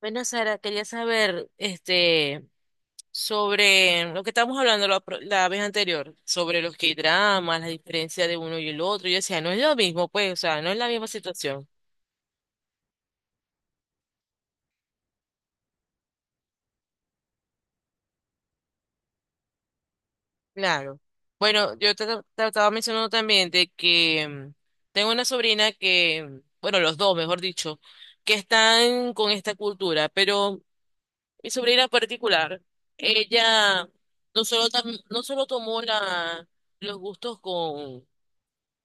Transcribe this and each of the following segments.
Bueno, Sara, quería saber sobre lo que estábamos hablando la vez anterior, sobre los K-dramas, la diferencia de uno y el otro. Yo decía, no es lo mismo, pues, o sea, no es la misma situación. Claro. Bueno, te estaba mencionando también de que tengo una sobrina que, bueno, los dos, mejor dicho, que están con esta cultura, pero mi sobrina en particular, ella no solo tomó los gustos con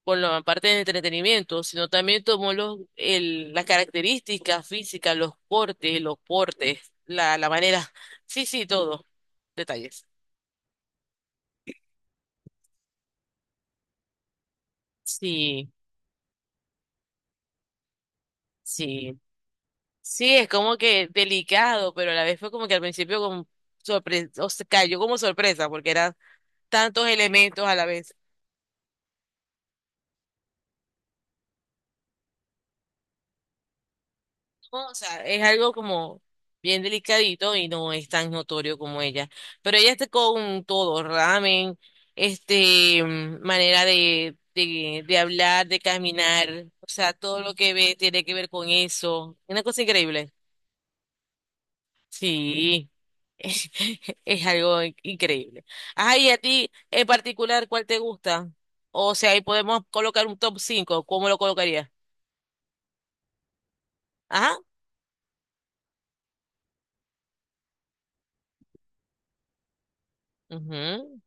con la parte de entretenimiento, sino también tomó las características físicas, los cortes, los portes, la manera. Sí, sí, todo. Detalles. Sí, sí. Sí, es como que delicado, pero a la vez fue como que al principio como o sea, cayó como sorpresa, porque eran tantos elementos a la vez. O sea, es algo como bien delicadito y no es tan notorio como ella. Pero ella está con todo, ramen, manera de hablar, de caminar, o sea, todo lo que ve tiene que ver con eso. Una cosa increíble. Sí, es algo increíble. Ay, a ti en particular, ¿cuál te gusta? O sea, ahí podemos colocar un top 5. ¿Cómo lo colocarías? Ajá. Ujú.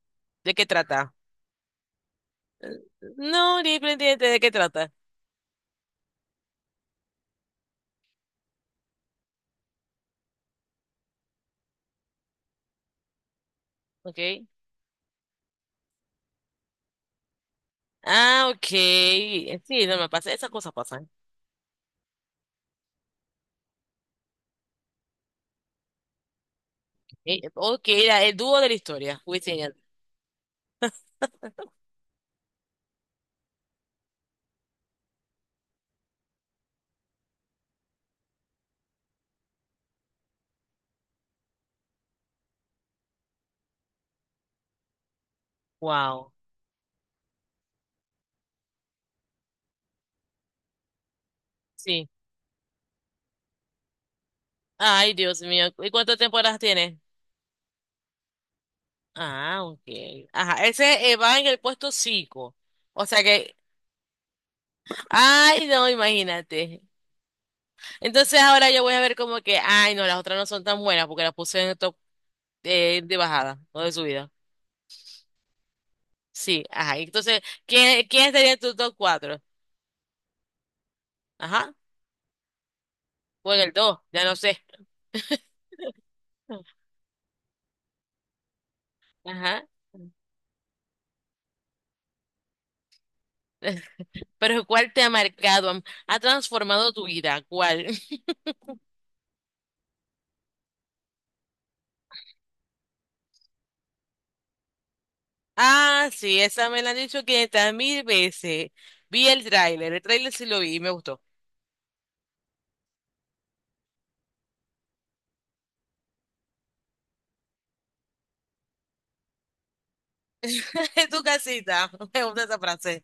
¿De qué trata? No, ni pendiente de qué trata. Okay. Ah, ok. Sí, no me pasa. Esas cosas pasan. Ok, era el dúo de la historia. Wisin y Yandel. Wow. Sí. Ay, Dios mío. ¿Y cuántas temporadas tiene? Ah, ok. Ajá, ese va en el puesto cinco. O sea que, ay, no, imagínate. Entonces ahora yo voy a ver como que, ay, no, las otras no son tan buenas porque las puse en el top de bajada o de subida. Sí, ajá. Entonces, ¿quién sería en tu top 4? Ajá. O en el 2, ya no sé. Ajá. Pero ¿cuál te ha marcado? ¿Ha transformado tu vida? ¿Cuál? Ah, sí, esa me la han dicho 500 mil veces. Vi el tráiler sí lo vi y me gustó. En tu casita. Me gusta esa frase.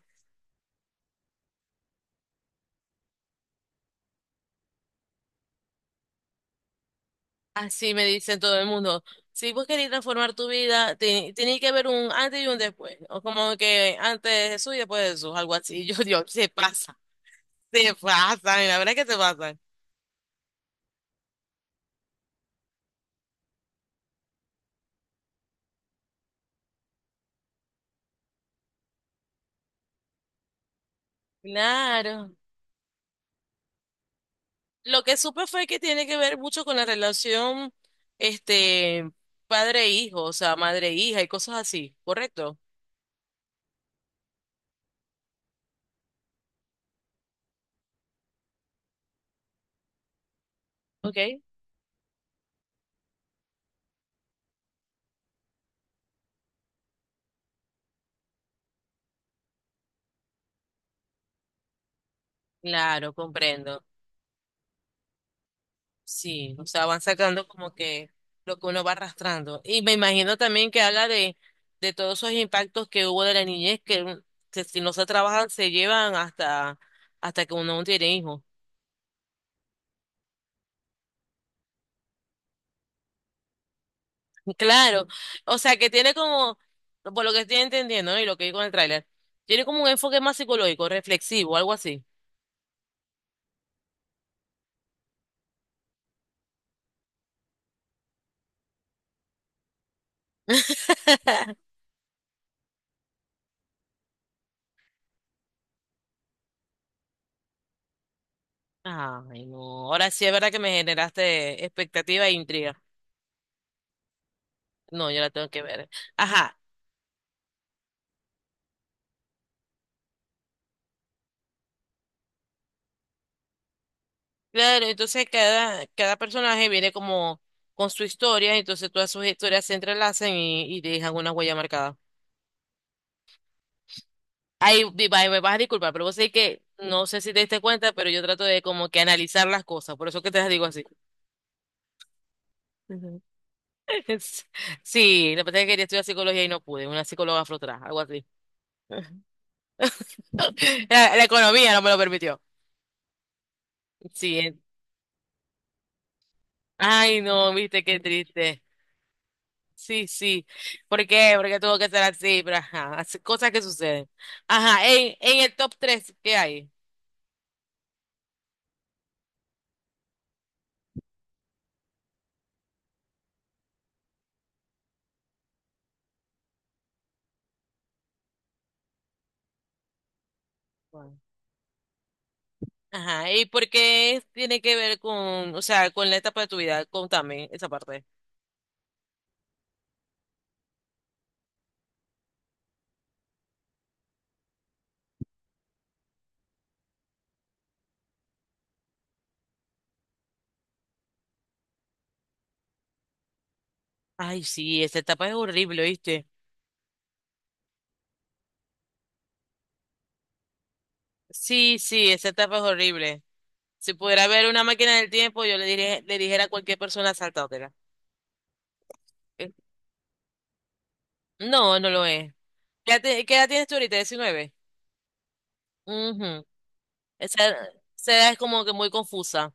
Así me dicen todo el mundo. Si vos querés transformar tu vida, tenés que ver un antes y un después. O como que antes de Jesús y después de Jesús, algo así. Yo, Dios, se pasa. Se pasan, y la verdad es que se pasan. Claro. Lo que supe fue que tiene que ver mucho con la relación, este, padre-hijo, o sea, madre-hija y cosas así, ¿correcto? ¿Ok? Claro, comprendo. Sí, o sea, van sacando como que lo que uno va arrastrando. Y me imagino también que habla de todos esos impactos que hubo de la niñez que si no se trabajan se llevan hasta que uno tiene hijos. Claro, o sea que tiene como, por lo que estoy entendiendo, ¿no? Y lo que vi con el tráiler, tiene como un enfoque más psicológico, reflexivo, algo así. Ay, no, ahora sí es verdad que me generaste expectativa e intriga. No, yo la tengo que ver. Ajá, claro, entonces cada personaje viene como con su historia, entonces todas sus historias se entrelazan y dejan una huella marcada. Ay, me vas a disculpar, pero vos sabés que no sé si te diste cuenta, pero yo trato de como que analizar las cosas, por eso que te las digo así. Es- Sí, lo que pasa es que quería estudiar psicología y no pude, una psicóloga afrotrás, algo así. La economía no me lo permitió. Sí, ay no, viste qué triste. Sí, sí. ¿Por qué? Porque tuvo que ser así, pero ajá, cosas que suceden. Ajá, en el top tres, ¿qué hay? Bueno. Ajá, ¿y por qué tiene que ver con, o sea, con la etapa de tu vida? Contame esa parte. Ay, sí, esa etapa es horrible, ¿viste? Sí, sí, esa etapa es horrible. Si pudiera ver una máquina del tiempo, yo le dijera a cualquier persona saltátela. Eh, no, no lo es. ¿Qué edad tienes tú ahorita? 19. Ujú. Esa, esa edad es como que muy confusa.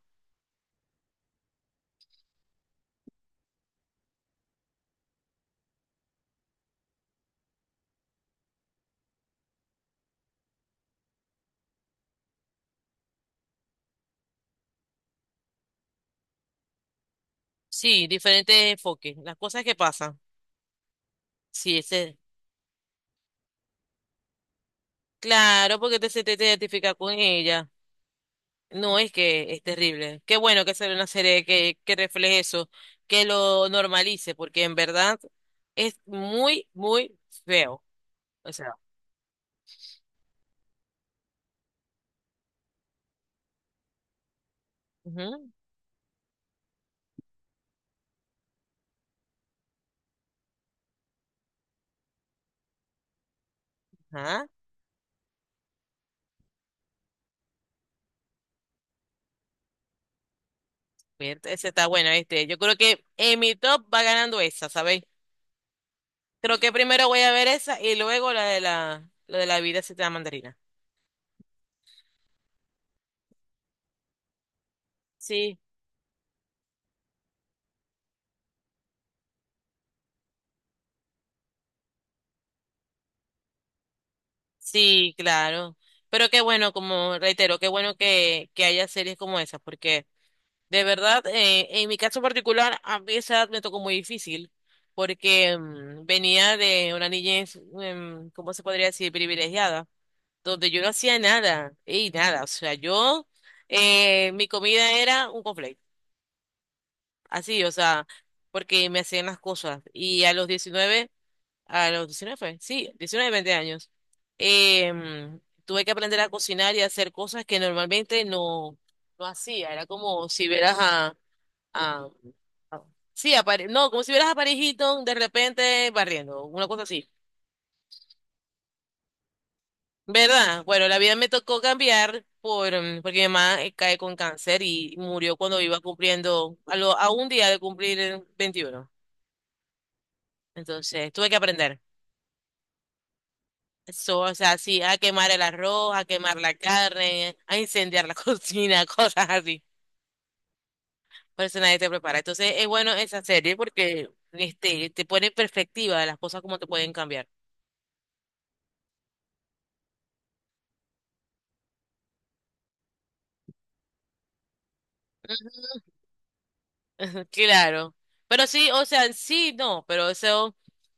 Sí, diferentes enfoques. Las cosas que pasan. Sí, ese. Claro, porque te identifica con ella. No, es que es terrible. Qué bueno que sea una serie que refleje eso, que lo normalice, porque en verdad es muy, muy feo. O sea, ujú, ajá. Bien, ese está bueno, este. Yo creo que en mi top va ganando esa, ¿sabéis? Creo que primero voy a ver esa y luego la de la de la vida se te da mandarina. Sí, sí, claro. Pero qué bueno, como reitero, qué bueno que haya series como esas, porque de verdad, en mi caso particular, a mí esa edad me tocó muy difícil, porque venía de una niñez, ¿cómo se podría decir? Privilegiada, donde yo no hacía nada, y nada, o sea, yo, mi comida era un conflicto así, o sea, porque me hacían las cosas. Y a los diecinueve fue, sí, 19 20 años, em, tuve que aprender a cocinar y a hacer cosas que normalmente no hacía. Era como si vieras a, a- sí, a no, como si vieras a Paris Hilton de repente barriendo, una cosa así. ¿Verdad? Bueno, la vida me tocó cambiar porque mi mamá cae con cáncer y murió cuando iba cumpliendo, a un día de cumplir 21. Entonces, tuve que aprender. So, o sea, sí, a quemar el arroz, a quemar la carne, a incendiar la cocina, cosas así. Por eso nadie te prepara. Entonces, es bueno esa serie porque te pone en perspectiva de las cosas como te pueden cambiar. Claro. Pero sí, o sea, sí, no, pero eso,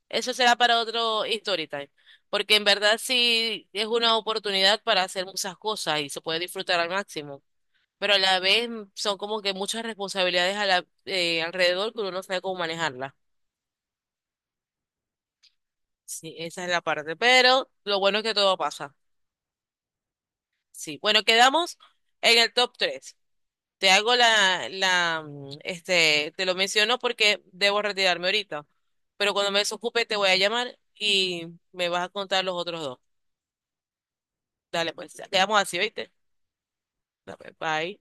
eso será para otro story time. Porque en verdad sí es una oportunidad para hacer muchas cosas y se puede disfrutar al máximo. Pero a la vez son como que muchas responsabilidades a alrededor que uno no sabe cómo manejarla. Sí, esa es la parte, pero lo bueno es que todo pasa. Sí, bueno, quedamos en el top 3. Te hago te lo menciono porque debo retirarme ahorita, pero cuando me desocupe te voy a llamar y me vas a contar los otros dos. Dale, pues, quedamos así, ¿viste? Dale, Bye.